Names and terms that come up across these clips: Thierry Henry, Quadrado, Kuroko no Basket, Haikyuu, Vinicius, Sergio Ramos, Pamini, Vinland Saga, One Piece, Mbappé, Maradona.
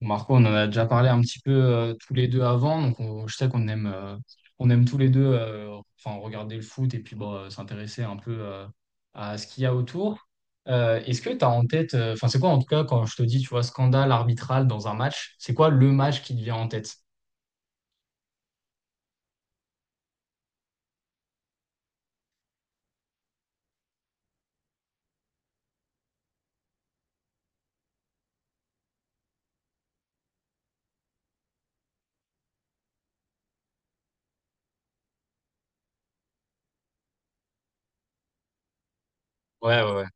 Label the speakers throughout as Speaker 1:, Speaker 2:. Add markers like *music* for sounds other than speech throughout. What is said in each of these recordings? Speaker 1: Marco, on en a déjà parlé un petit peu tous les deux avant, donc je sais qu'on aime, on aime tous les deux enfin, regarder le foot et puis bon, s'intéresser un peu à ce qu'il y a autour. Est-ce que tu as en tête, enfin c'est quoi en tout cas quand je te dis, tu vois, scandale arbitral dans un match, c'est quoi le match qui te vient en tête? Ouais, ouais, ouais.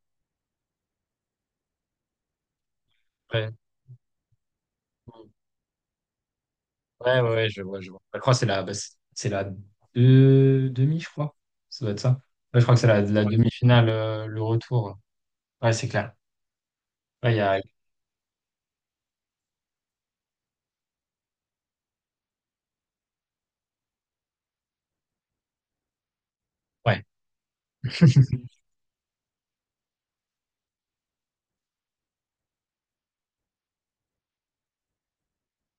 Speaker 1: Ouais, ouais, ouais, ouais, je vois, je vois. Je crois que c'est la, bah, c'est la demi, je crois. Ça doit être ça. Ouais, je crois que c'est la, la Ouais. demi-finale, le retour. Ouais, c'est clair. Ouais, il y a... ouais. *laughs*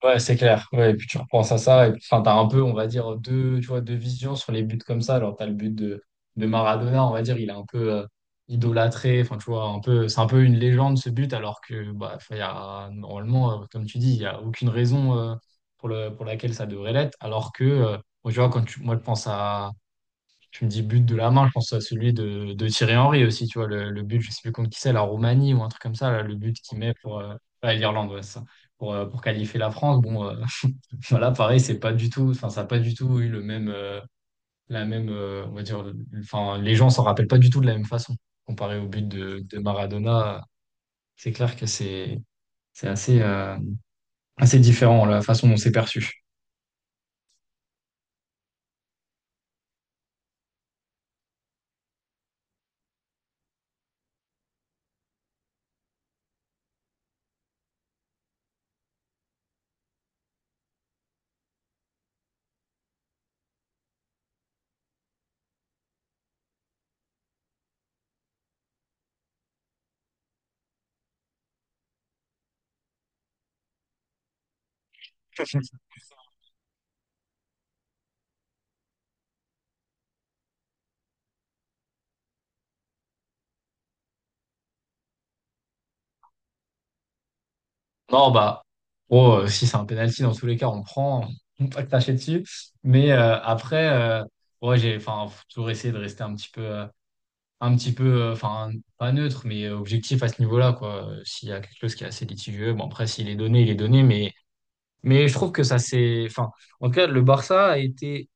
Speaker 1: Ouais, c'est clair. Ouais, et puis tu repenses à ça, et puis enfin, t'as un peu, on va dire, deux, tu vois, deux visions sur les buts comme ça. Alors, t'as le but de Maradona, on va dire, il est un peu idolâtré. Enfin, tu vois, un peu, c'est un peu une légende ce but, alors que bah, enfin, il y a, normalement, comme tu dis, il n'y a aucune raison pour le, pour laquelle ça devrait l'être. Alors que, moi, tu vois, moi, je pense à tu me dis but de la main, je pense à celui de Thierry Henry aussi, tu vois, le but, je sais plus contre qui c'est, la Roumanie ou un truc comme ça, là, le but qu'il met pour ouais, l'Irlande, ouais, c'est ça, pour qualifier la France. Bon, *laughs* voilà, pareil, c'est pas du tout, enfin, ça n'a pas du tout eu le même, la même, on va dire, enfin, les gens s'en rappellent pas du tout de la même façon. Comparé au but de Maradona, c'est clair que c'est assez, assez différent la façon dont c'est perçu. Non, bah, oh, si c'est un penalty, dans tous les cas, on le prend, *laughs* on peut pas cracher dessus. Mais après, ouais, j'ai, enfin, faut toujours essayer de rester un petit peu, enfin, pas neutre, mais objectif à ce niveau-là, quoi. S'il y a quelque chose qui est assez litigieux, bon, après, s'il est donné, il est donné. Mais je trouve que ça, c'est, enfin, en tout cas, le Barça a été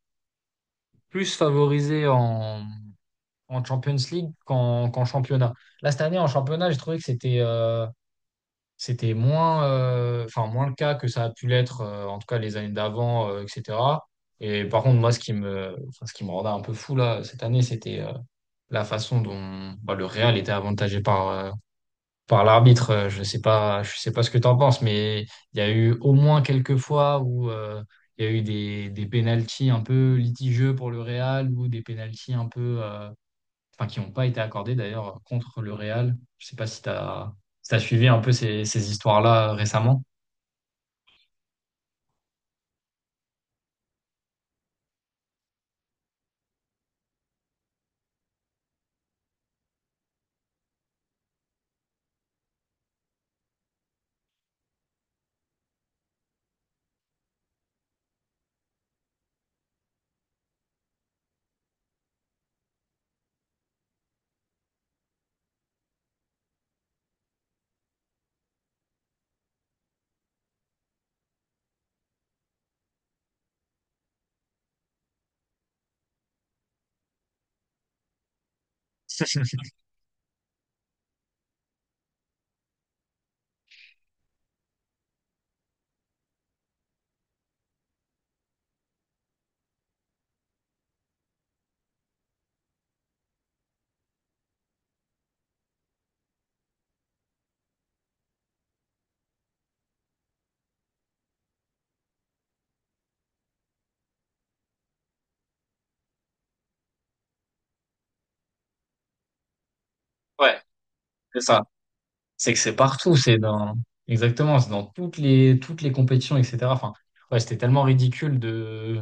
Speaker 1: plus favorisé en, en Champions League qu'en championnat. Là, cette année, en championnat, j'ai trouvé que c'était, c'était moins, enfin, moins le cas que ça a pu l'être, en tout cas les années d'avant, etc. Et par contre, moi, ce qui me, enfin, ce qui me rendait un peu fou là, cette année, c'était la façon dont bah, le Real était avantagé par, par l'arbitre. Je sais pas ce que tu en penses, mais il y a eu au moins quelques fois où il y a eu des pénaltys un peu litigieux pour le Real ou des pénaltys un peu. Enfin qui n'ont pas été accordés d'ailleurs contre le Real. Je sais pas si tu as, si t'as suivi un peu ces, ces histoires-là récemment. Ouais, c'est ça. C'est que c'est partout, c'est dans exactement, c'est dans toutes les compétitions, etc. Enfin, ouais, c'était tellement ridicule de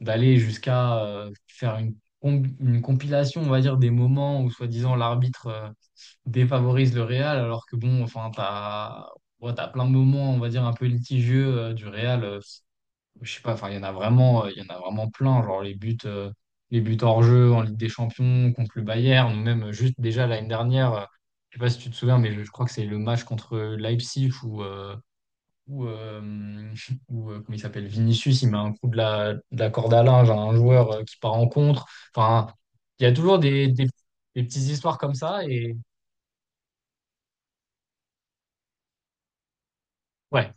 Speaker 1: d'aller jusqu'à faire une, une compilation, on va dire, des moments où soi-disant l'arbitre défavorise le Real, alors que bon, enfin, t'as ouais, t'as plein de moments, on va dire, un peu litigieux du Real. Je sais pas, enfin, il y en a vraiment, il y en a vraiment plein, genre les buts hors-jeu en Ligue des Champions contre le Bayern, ou même juste déjà l'année dernière, je sais pas si tu te souviens, mais je crois que c'est le match contre Leipzig où, euh, *laughs* comment il s'appelle, Vinicius, il met un coup de la corde à linge à un joueur qui part en contre. Enfin, il y a toujours des petites histoires comme ça, et ouais.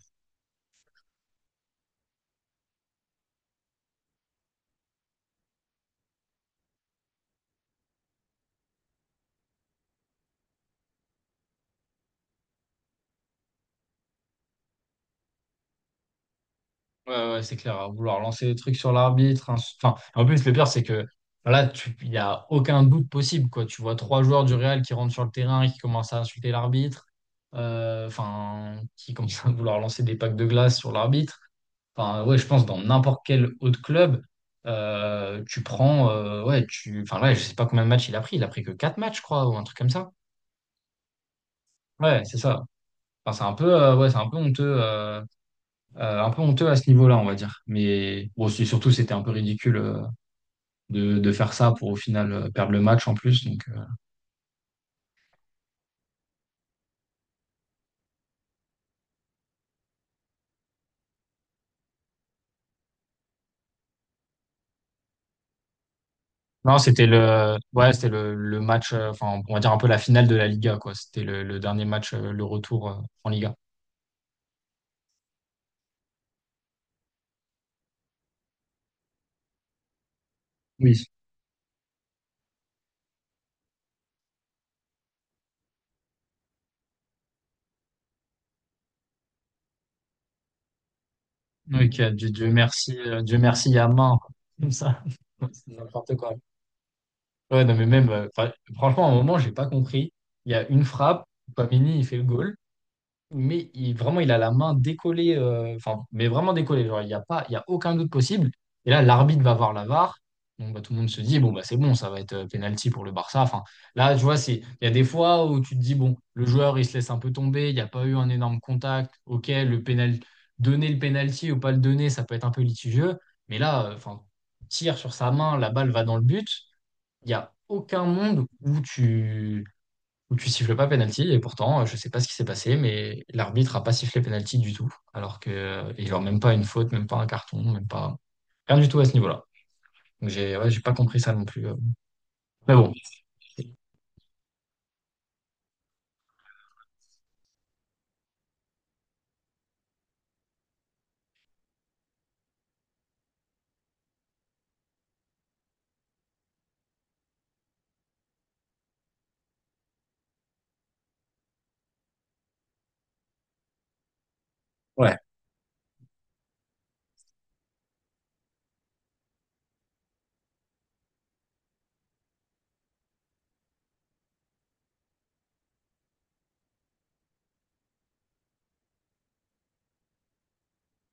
Speaker 1: Ouais, ouais, c'est clair, à vouloir lancer des trucs sur l'arbitre. Hein, Enfin, en plus, le pire, c'est que là, il n'y a aucun doute possible, quoi. Tu vois trois joueurs du Real qui rentrent sur le terrain et qui commencent à insulter l'arbitre, enfin, qui commencent à vouloir lancer des packs de glace sur l'arbitre. Enfin, ouais, je pense dans n'importe quel autre club, tu prends, ouais, tu, enfin, ouais, je sais pas combien de matchs il a pris. Il a pris que quatre matchs, je crois, ou un truc comme ça. Ouais, c'est ça. Enfin, c'est un peu, ouais, c'est un peu honteux. Un peu honteux à ce niveau-là, on va dire. Mais bon, surtout, c'était un peu ridicule de faire ça pour au final perdre le match en plus. Donc, non, c'était le, ouais, c'était le match, enfin, on va dire un peu la finale de la Liga, quoi. C'était le dernier match, le retour en Liga. Oui. Ok, Dieu, Dieu merci à main, quoi. Comme ça. *laughs* C'est n'importe quoi. Ouais, non, mais même, enfin, franchement, à un moment, j'ai pas compris. Il y a une frappe, Pamini il fait le goal. Mais il, vraiment, il a la main décollée, enfin, mais vraiment décollée. Genre, il n'y a pas, il y a aucun doute possible. Et là, l'arbitre va voir la VAR. Donc, bah, tout le monde se dit, bon, bah, c'est bon, ça va être penalty pour le Barça. Enfin, là, tu vois, c'est, il y a des fois où tu te dis, bon, le joueur, il se laisse un peu tomber, il n'y a pas eu un énorme contact. OK, le pénal, donner le penalty ou pas le donner, ça peut être un peu litigieux. Mais là, enfin, tire sur sa main, la balle va dans le but. Il n'y a aucun monde où tu siffles pas penalty et pourtant je sais pas ce qui s'est passé mais l'arbitre a pas sifflé penalty du tout alors que et genre même pas une faute même pas un carton même pas rien du tout à ce niveau-là donc j'ai ouais, j'ai pas compris ça non plus mais bon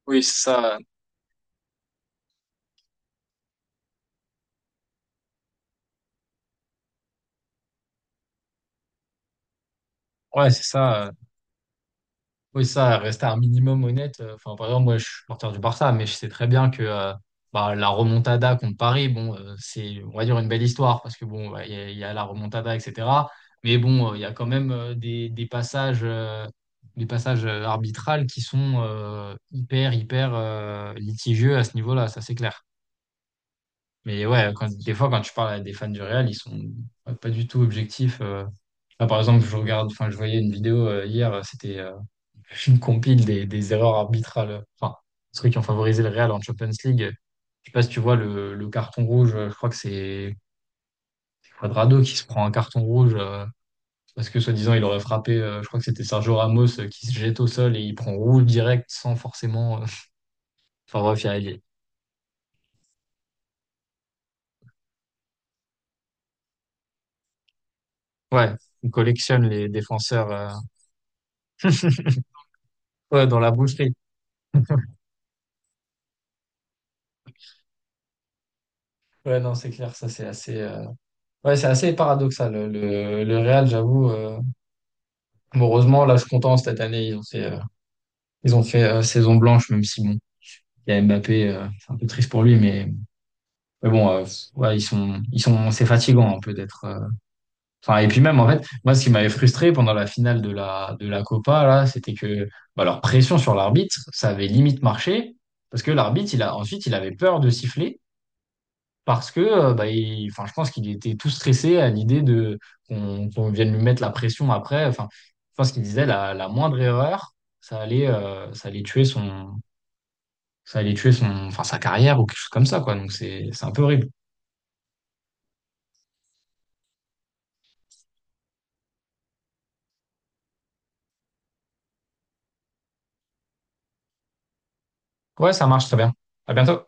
Speaker 1: Oui, ça. Ouais c'est ça oui, ça, rester un minimum honnête. Enfin, par exemple, moi, je suis porteur du Barça, mais je sais très bien que bah, la remontada contre Paris, bon, c'est, on va dire, une belle histoire, parce que bon, bah, il y a la remontada, etc. Mais bon, il y a quand même des passages arbitrales qui sont hyper litigieux à ce niveau-là, ça c'est clair. Mais ouais, quand, des fois, quand tu parles à des fans du Real, ils sont pas du tout objectifs. Là, par exemple, je regarde, enfin, je voyais une vidéo hier, c'était une compile des erreurs arbitrales, enfin, ceux qui ont favorisé le Real en Champions League. Je sais pas si tu vois le carton rouge, je crois que c'est Quadrado qui se prend un carton rouge parce que soi-disant il aurait frappé, je crois que c'était Sergio Ramos qui se jette au sol et il prend rouge direct sans forcément. *laughs* Enfin bref, ouais, on collectionne les défenseurs *laughs* ouais, dans la boucherie. Ouais, non, c'est clair, ça c'est assez, ouais, c'est assez paradoxal. Le Real, j'avoue, heureusement, là je suis content cette année, ils ont fait. Ils ont fait saison blanche, même si bon, il y a Mbappé, c'est un peu triste pour lui, mais bon, ouais, c'est fatigant un peu d'être. Enfin, et puis même en fait, moi, ce qui m'avait frustré pendant la finale de la Copa là, c'était que bah, leur pression sur l'arbitre, ça avait limite marché parce que l'arbitre, il a ensuite, il avait peur de siffler parce que bah, enfin, je pense qu'il était tout stressé à l'idée de qu'on qu'on vienne lui mettre la pression après. Enfin, je pense qu'il disait la, la moindre erreur, ça allait tuer son ça allait tuer son, enfin, sa carrière ou quelque chose comme ça, quoi. Donc c'est un peu horrible. Ouais, ça marche très bien. À bientôt.